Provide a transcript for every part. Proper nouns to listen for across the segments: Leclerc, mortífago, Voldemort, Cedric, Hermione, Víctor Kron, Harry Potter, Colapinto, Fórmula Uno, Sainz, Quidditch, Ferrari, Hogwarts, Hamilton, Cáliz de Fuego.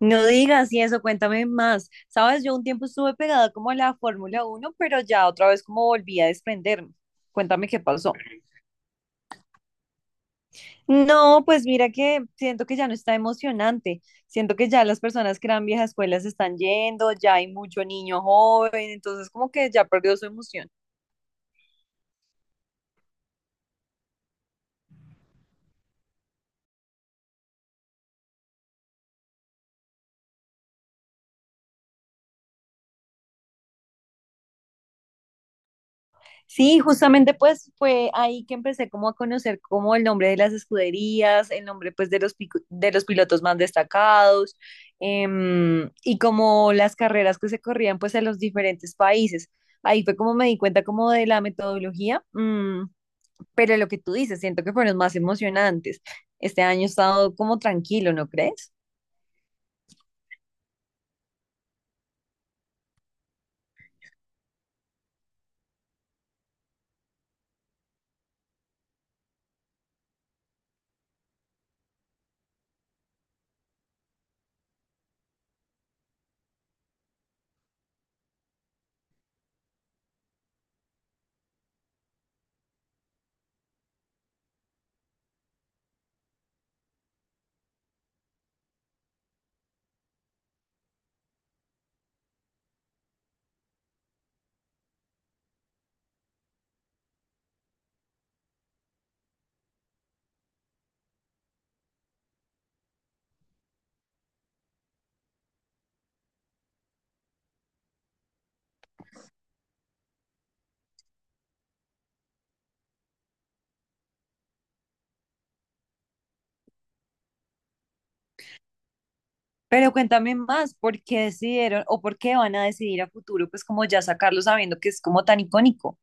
No digas y eso, cuéntame más. Sabes, yo un tiempo estuve pegada como a la Fórmula Uno, pero ya otra vez como volví a desprenderme. Cuéntame qué pasó. No, pues mira que siento que ya no está emocionante. Siento que ya las personas que eran viejas escuelas se están yendo, ya hay mucho niño joven, entonces como que ya perdió su emoción. Sí, justamente pues fue ahí que empecé como a conocer como el nombre de las escuderías, el nombre pues de los, de los pilotos más destacados, y como las carreras que se corrían pues en los diferentes países. Ahí fue como me di cuenta como de la metodología, pero lo que tú dices, siento que fueron más emocionantes. Este año he estado como tranquilo, ¿no crees? Pero cuéntame más, ¿por qué decidieron o por qué van a decidir a futuro, pues como ya sacarlo sabiendo que es como tan icónico?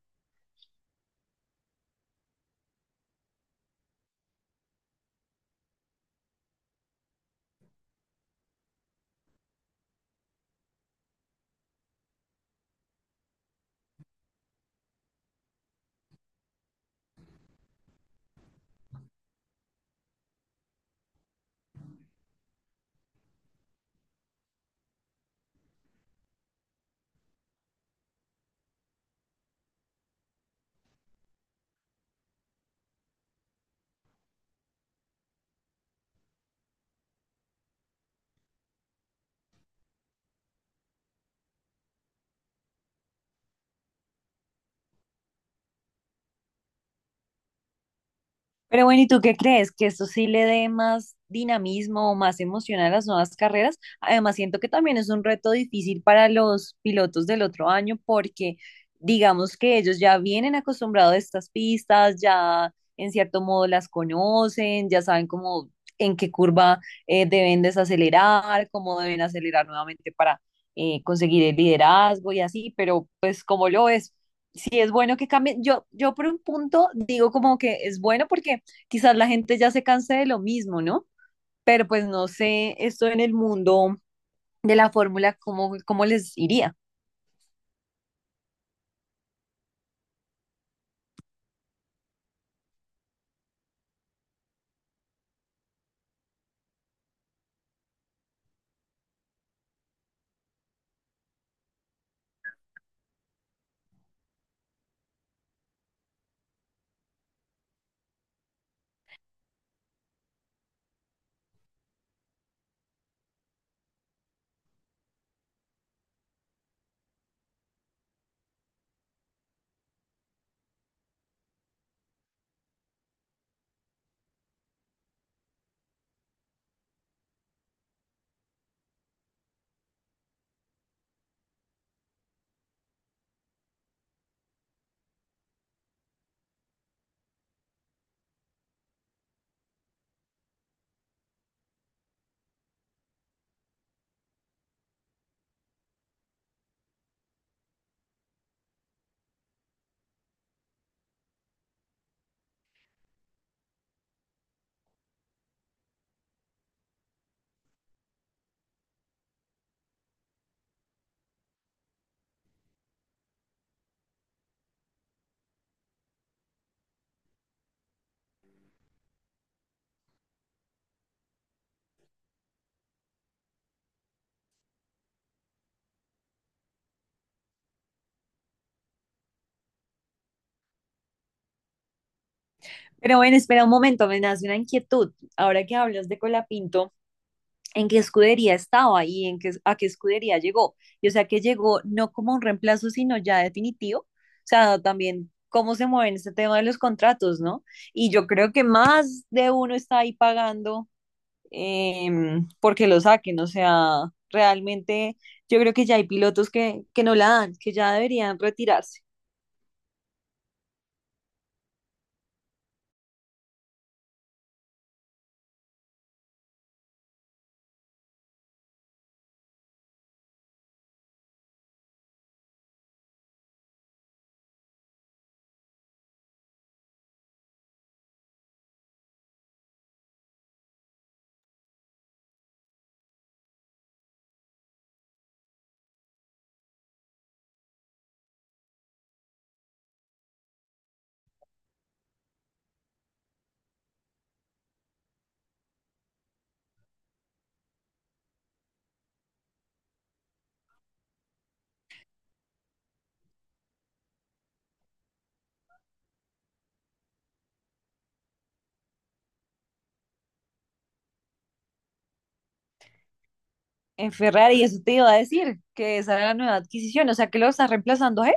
Pero bueno, ¿y tú qué crees? ¿Que esto sí le dé más dinamismo o más emoción a las nuevas carreras? Además, siento que también es un reto difícil para los pilotos del otro año porque digamos que ellos ya vienen acostumbrados a estas pistas, ya en cierto modo las conocen, ya saben cómo en qué curva deben desacelerar, cómo deben acelerar nuevamente para conseguir el liderazgo y así, pero pues como lo es sí es bueno que cambie. Yo por un punto digo como que es bueno porque quizás la gente ya se canse de lo mismo, ¿no? Pero pues no sé, esto en el mundo de la fórmula, ¿cómo, cómo les iría? Pero bueno, espera un momento, me nace una inquietud. Ahora que hablas de Colapinto, ¿en qué escudería estaba y en qué, a qué escudería llegó? Y o sea, que llegó no como un reemplazo, sino ya definitivo. O sea, también cómo se mueven este tema de los contratos, ¿no? Y yo creo que más de uno está ahí pagando, porque lo saquen. O sea, realmente yo creo que ya hay pilotos que no la dan, que ya deberían retirarse. En Ferrari, eso te iba a decir, que esa era la nueva adquisición, o sea, que lo está reemplazando a él.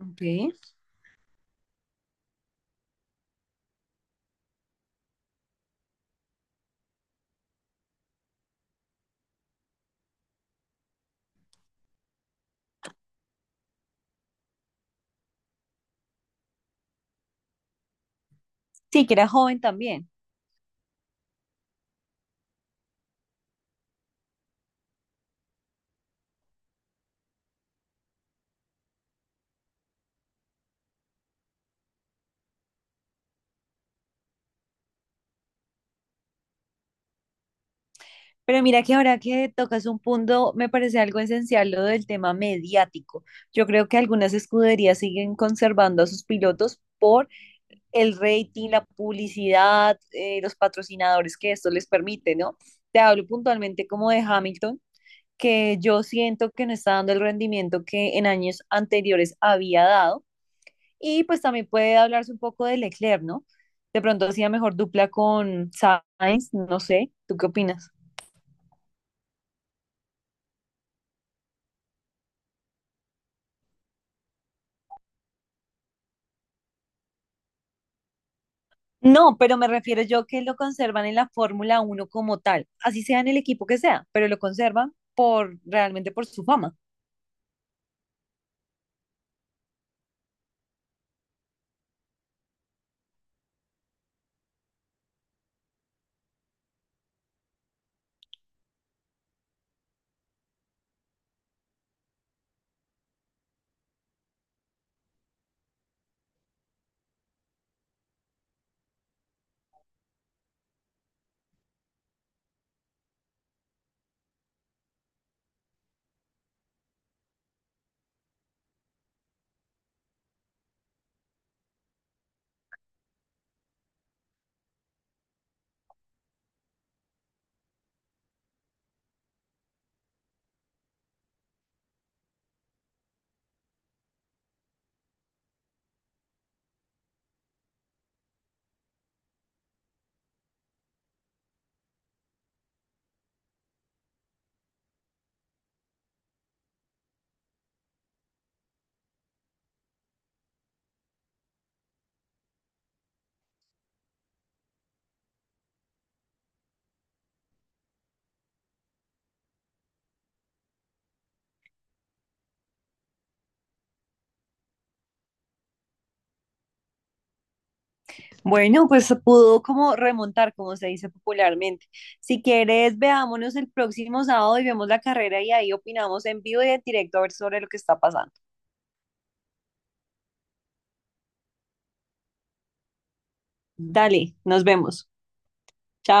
Ok. Sí, que era joven también. Pero mira que ahora que tocas un punto, me parece algo esencial lo del tema mediático. Yo creo que algunas escuderías siguen conservando a sus pilotos por el rating, la publicidad, los patrocinadores que esto les permite, ¿no? Te hablo puntualmente como de Hamilton, que yo siento que no está dando el rendimiento que en años anteriores había dado. Y pues también puede hablarse un poco de Leclerc, ¿no? De pronto hacía mejor dupla con Sainz, no sé, ¿tú qué opinas? No, pero me refiero yo que lo conservan en la Fórmula Uno como tal, así sea en el equipo que sea, pero lo conservan por realmente por su fama. Bueno, pues se pudo como remontar, como se dice popularmente. Si quieres, veámonos el próximo sábado y vemos la carrera y ahí opinamos en vivo y en directo a ver sobre lo que está pasando. Dale, nos vemos. Chao.